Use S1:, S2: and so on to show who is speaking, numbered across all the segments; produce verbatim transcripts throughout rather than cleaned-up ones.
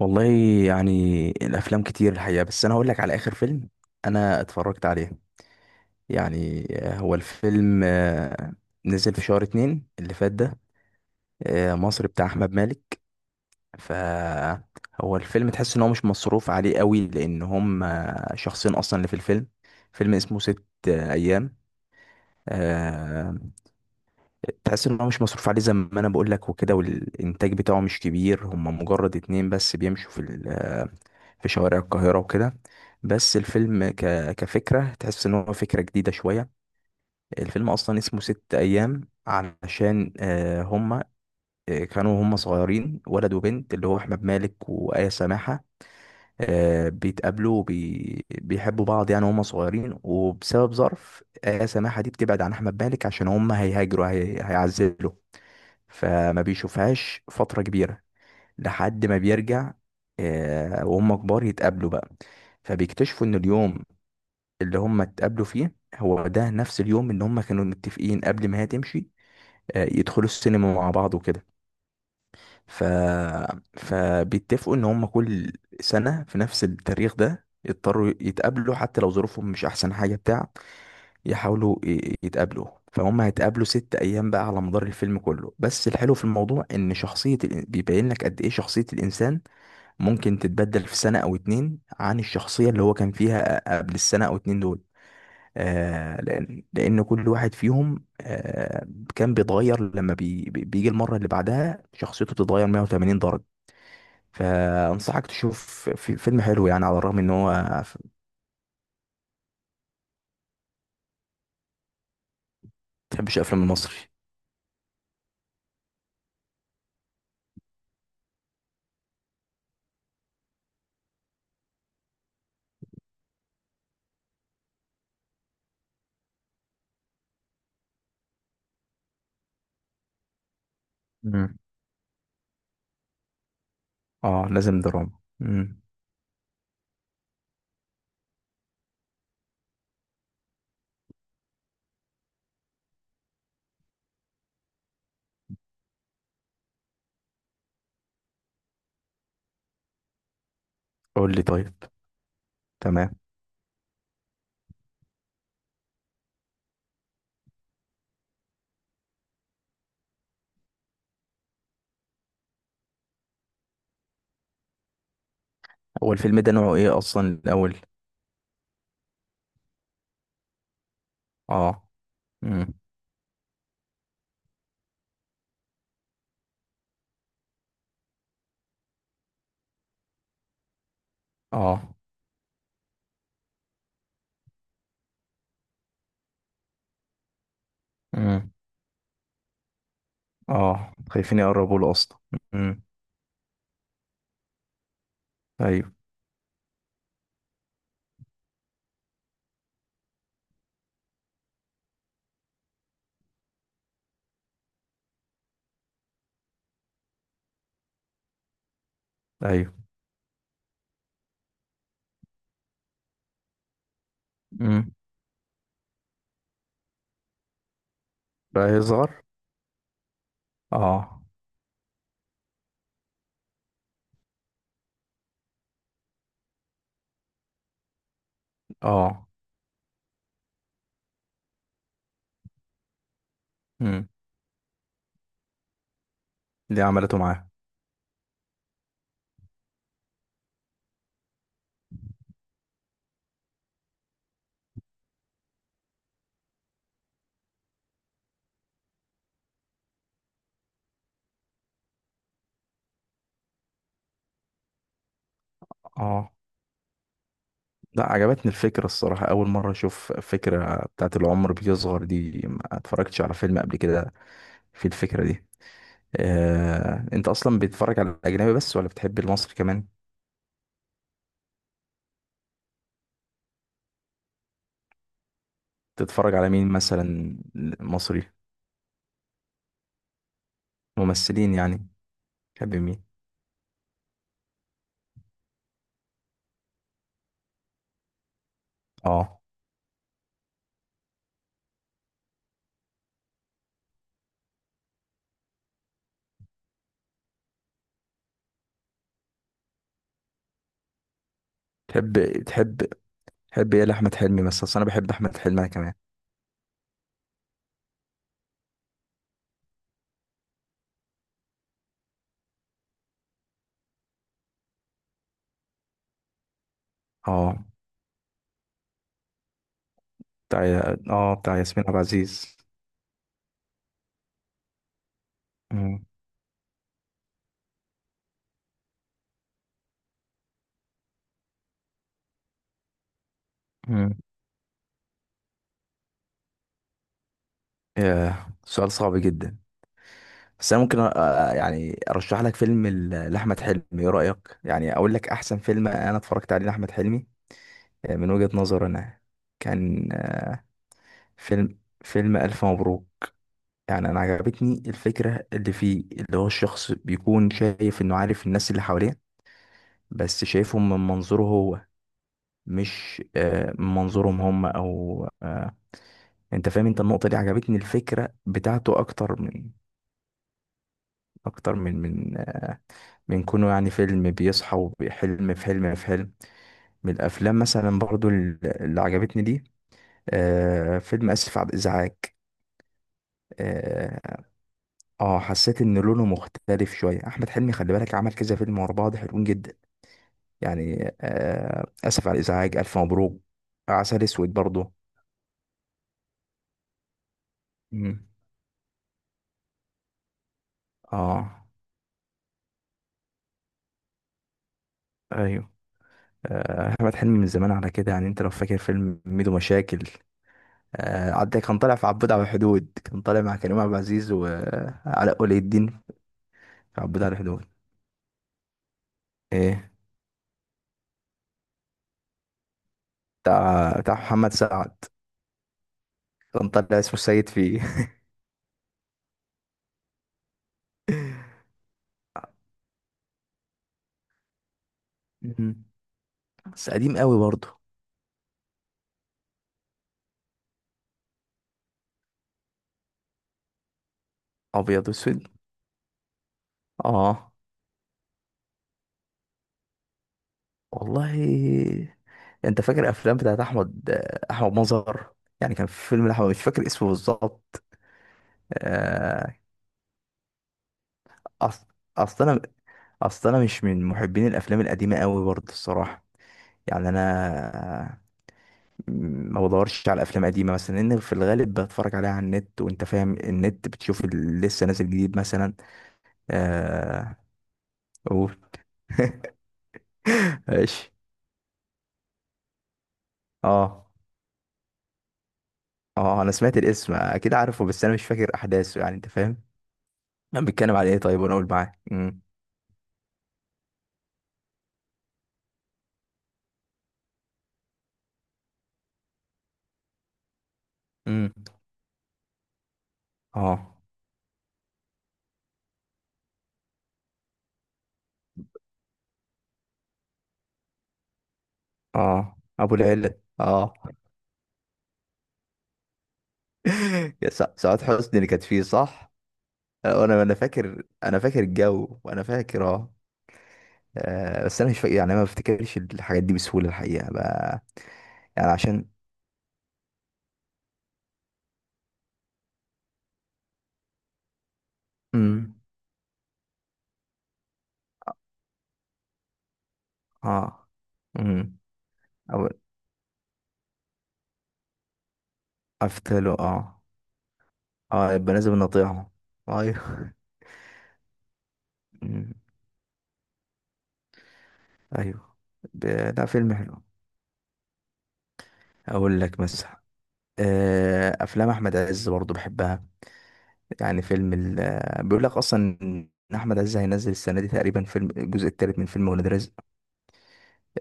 S1: والله. يعني الافلام كتير الحقيقه، بس انا هقول لك على اخر فيلم انا اتفرجت عليه. يعني آه، هو الفيلم آه، نزل في شهر اتنين اللي فات ده. آه، مصري بتاع احمد مالك. فهو الفيلم تحس ان هو مش مصروف عليه قوي، لان هم آه، شخصين اصلا اللي في الفيلم. فيلم اسمه ست آه، ايام. آه، تحس ان هو مش مصروف عليه زي ما انا بقول لك وكده، والانتاج بتاعه مش كبير، هم مجرد اتنين بس بيمشوا في ال- في شوارع القاهرة وكده. بس الفيلم ك... كفكرة تحس إن هو فكرة جديدة شوية. الفيلم أصلا اسمه ست أيام علشان آه، هما آه، كانوا هما صغيرين، ولد وبنت، اللي هو أحمد مالك وآية سماحة. آه، بيتقابلوا وبي... بيحبوا بعض، يعني هما صغيرين، وبسبب ظرف آية سماحة دي بتبعد عن أحمد مالك عشان هما هيهاجروا، هي... هيعزلوا. فما بيشوفهاش فترة كبيرة لحد ما بيرجع. آه، وهم كبار يتقابلوا بقى. فبيكتشفوا ان اليوم اللي هم اتقابلوا فيه هو ده نفس اليوم اللي هم كانوا متفقين قبل ما هي تمشي، آه، يدخلوا السينما مع بعض وكده. ف... فبيتفقوا ان هم كل سنة في نفس التاريخ ده يضطروا يتقابلوا، حتى لو ظروفهم مش احسن حاجة بتاع. يحاولوا ي- يتقابلوا. فهم هيتقابلوا ست ايام بقى على مدار الفيلم كله. بس الحلو في الموضوع ان شخصية الإن- بيبين لك قد ايه شخصية الانسان ممكن تتبدل في سنة أو اتنين عن الشخصية اللي هو كان فيها قبل السنة أو اتنين دول. آه لأن لأن كل واحد فيهم آه كان بيتغير، لما بي بي- بيجي المرة اللي بعدها شخصيته بتتغير مية وتمانين درجة. فأنصحك تشوف، في فيلم حلو يعني على الرغم إن هو ف- ما بتحبش الأفلام المصري. مم. اه، لازم دراما. امم. قول لي طيب. تمام. هو الفيلم ده نوعه ايه اصلا الاول؟ اه. امم. اه. امم. اه، خايفين يقربوا له اصلا. امم. ايوه. ايوه. امم. بقى يظهر. اه. اه. امم. دي عملته معاه؟ اه. لا، عجبتني الفكرة الصراحة. أول مرة أشوف فكرة بتاعت العمر بيصغر دي، ما اتفرجتش على فيلم قبل كده في الفكرة دي. آه، أنت أصلا بتتفرج على الأجنبي بس ولا بتحب المصري كمان؟ تتفرج على مين مثلا؟ مصري. ممثلين يعني؟ تحب مين؟ اه. تحب تحب تحب إيه لأحمد حلمي مثلا؟ أصل أنا بحب أحمد حلمي أنا كمان. اه، بتاع. اه، بتاع ياسمين عبد العزيز. مم. ياه، سؤال صعب جدا. بس انا ممكن أ- أ- يعني ارشح لك فيلم ل- لاحمد حلمي. ايه رايك يعني اقول لك احسن فيلم انا اتفرجت عليه لاحمد حلمي آه، من وجهة نظري انا؟ كان فيلم فيلم الف مبروك. يعني انا عجبتني الفكره اللي فيه، اللي هو الشخص بيكون شايف انه عارف الناس اللي حواليه، بس شايفهم من منظوره هو، مش آه، من منظورهم هم او آه، انت فاهم. انت النقطه دي عجبتني، الفكره بتاعته اكتر من، اكتر من من آه، من كونه يعني فيلم بيصحى وحلم في حلم في حلم. من الافلام مثلا برضو ال- اللي عجبتني دي آه، فيلم اسف على الازعاج. اه. آه، حسيت ان لونه مختلف شويه. احمد حلمي خلي بالك عمل كذا فيلم ورا بعض حلوين جدا. يعني آه، اسف على الازعاج، الف مبروك، عسل اسود برضو. مم. اه. ايوه. آه، احمد حلمي من زمان على كده. يعني انت لو فاكر فيلم ميدو مشاكل، آه، عدى كان طالع في عبود على الحدود كان طالع مع كريم عبد العزيز وعلاء ولي الدين. عبود على الحدود. ايه. بتاع بتاع محمد سعد. كان طالع اسمه السيد فيه. مم. بس قديم قوي برضه. ابيض واسود. اه. والله، انت فاكر افلام بتاعت احمد احمد مظهر. يعني كان في فيلم لاحمد مش فاكر اسمه بالظبط آه، أص... اصل انا اصل انا مش من محبين الافلام القديمه قوي برضه الصراحه. يعني انا ما بدورش على افلام قديمه مثلا لان في الغالب بتفرج عليها على النت، وانت فاهم النت، بتشوف اللي لسه نازل جديد مثلا. آه. قول. ماشي. اه. اه، انا سمعت الاسم اكيد، عارفه، بس انا مش فاكر احداثه يعني. انت فاهم انا بيتكلم على ايه طيب؟ وانا اقول معاك. امم. امم. اه. اه، ابو العلة. اه. يا سع- سعاد حسني اللي كانت فيه صح؟ آه، وانا انا فاكر، انا فاكر الجو، وانا فاكر اه آه، بس انا مش فاكر يعني، أنا ما بفتكرش الحاجات دي بسهوله الحقيقه بقى. يعني عشان. امم. اه. امم. او. افتله اه. اه، يبقى لازم نطيعه. ايوه. أمم. ايوه. ب- لا، فيلم حلو. اقول لك مثلا آه، افلام احمد عز برضو بحبها. يعني فيلم ال... آه، بيقول لك اصلا ان احمد عز هينزل السنه دي تقريبا فيلم الجزء الثالث من فيلم ولاد رزق.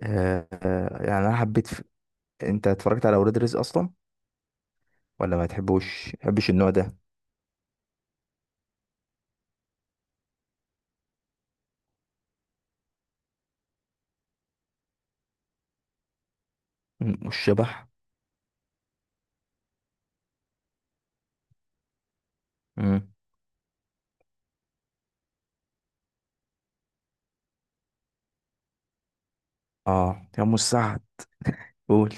S1: آه، آه، يعني انا حبيت ف... انت اتفرجت على ولاد رزق اصلا؟ ولا ما تحبوش تحبش النوع ده؟ مم، والشبح. مم. اه، يا ام السعد. قول.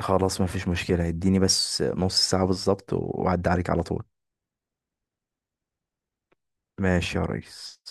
S1: خلاص، ما فيش مشكلة. اديني بس نص ساعة بالظبط وأعدي عليك على طول. ماشي يا ريس.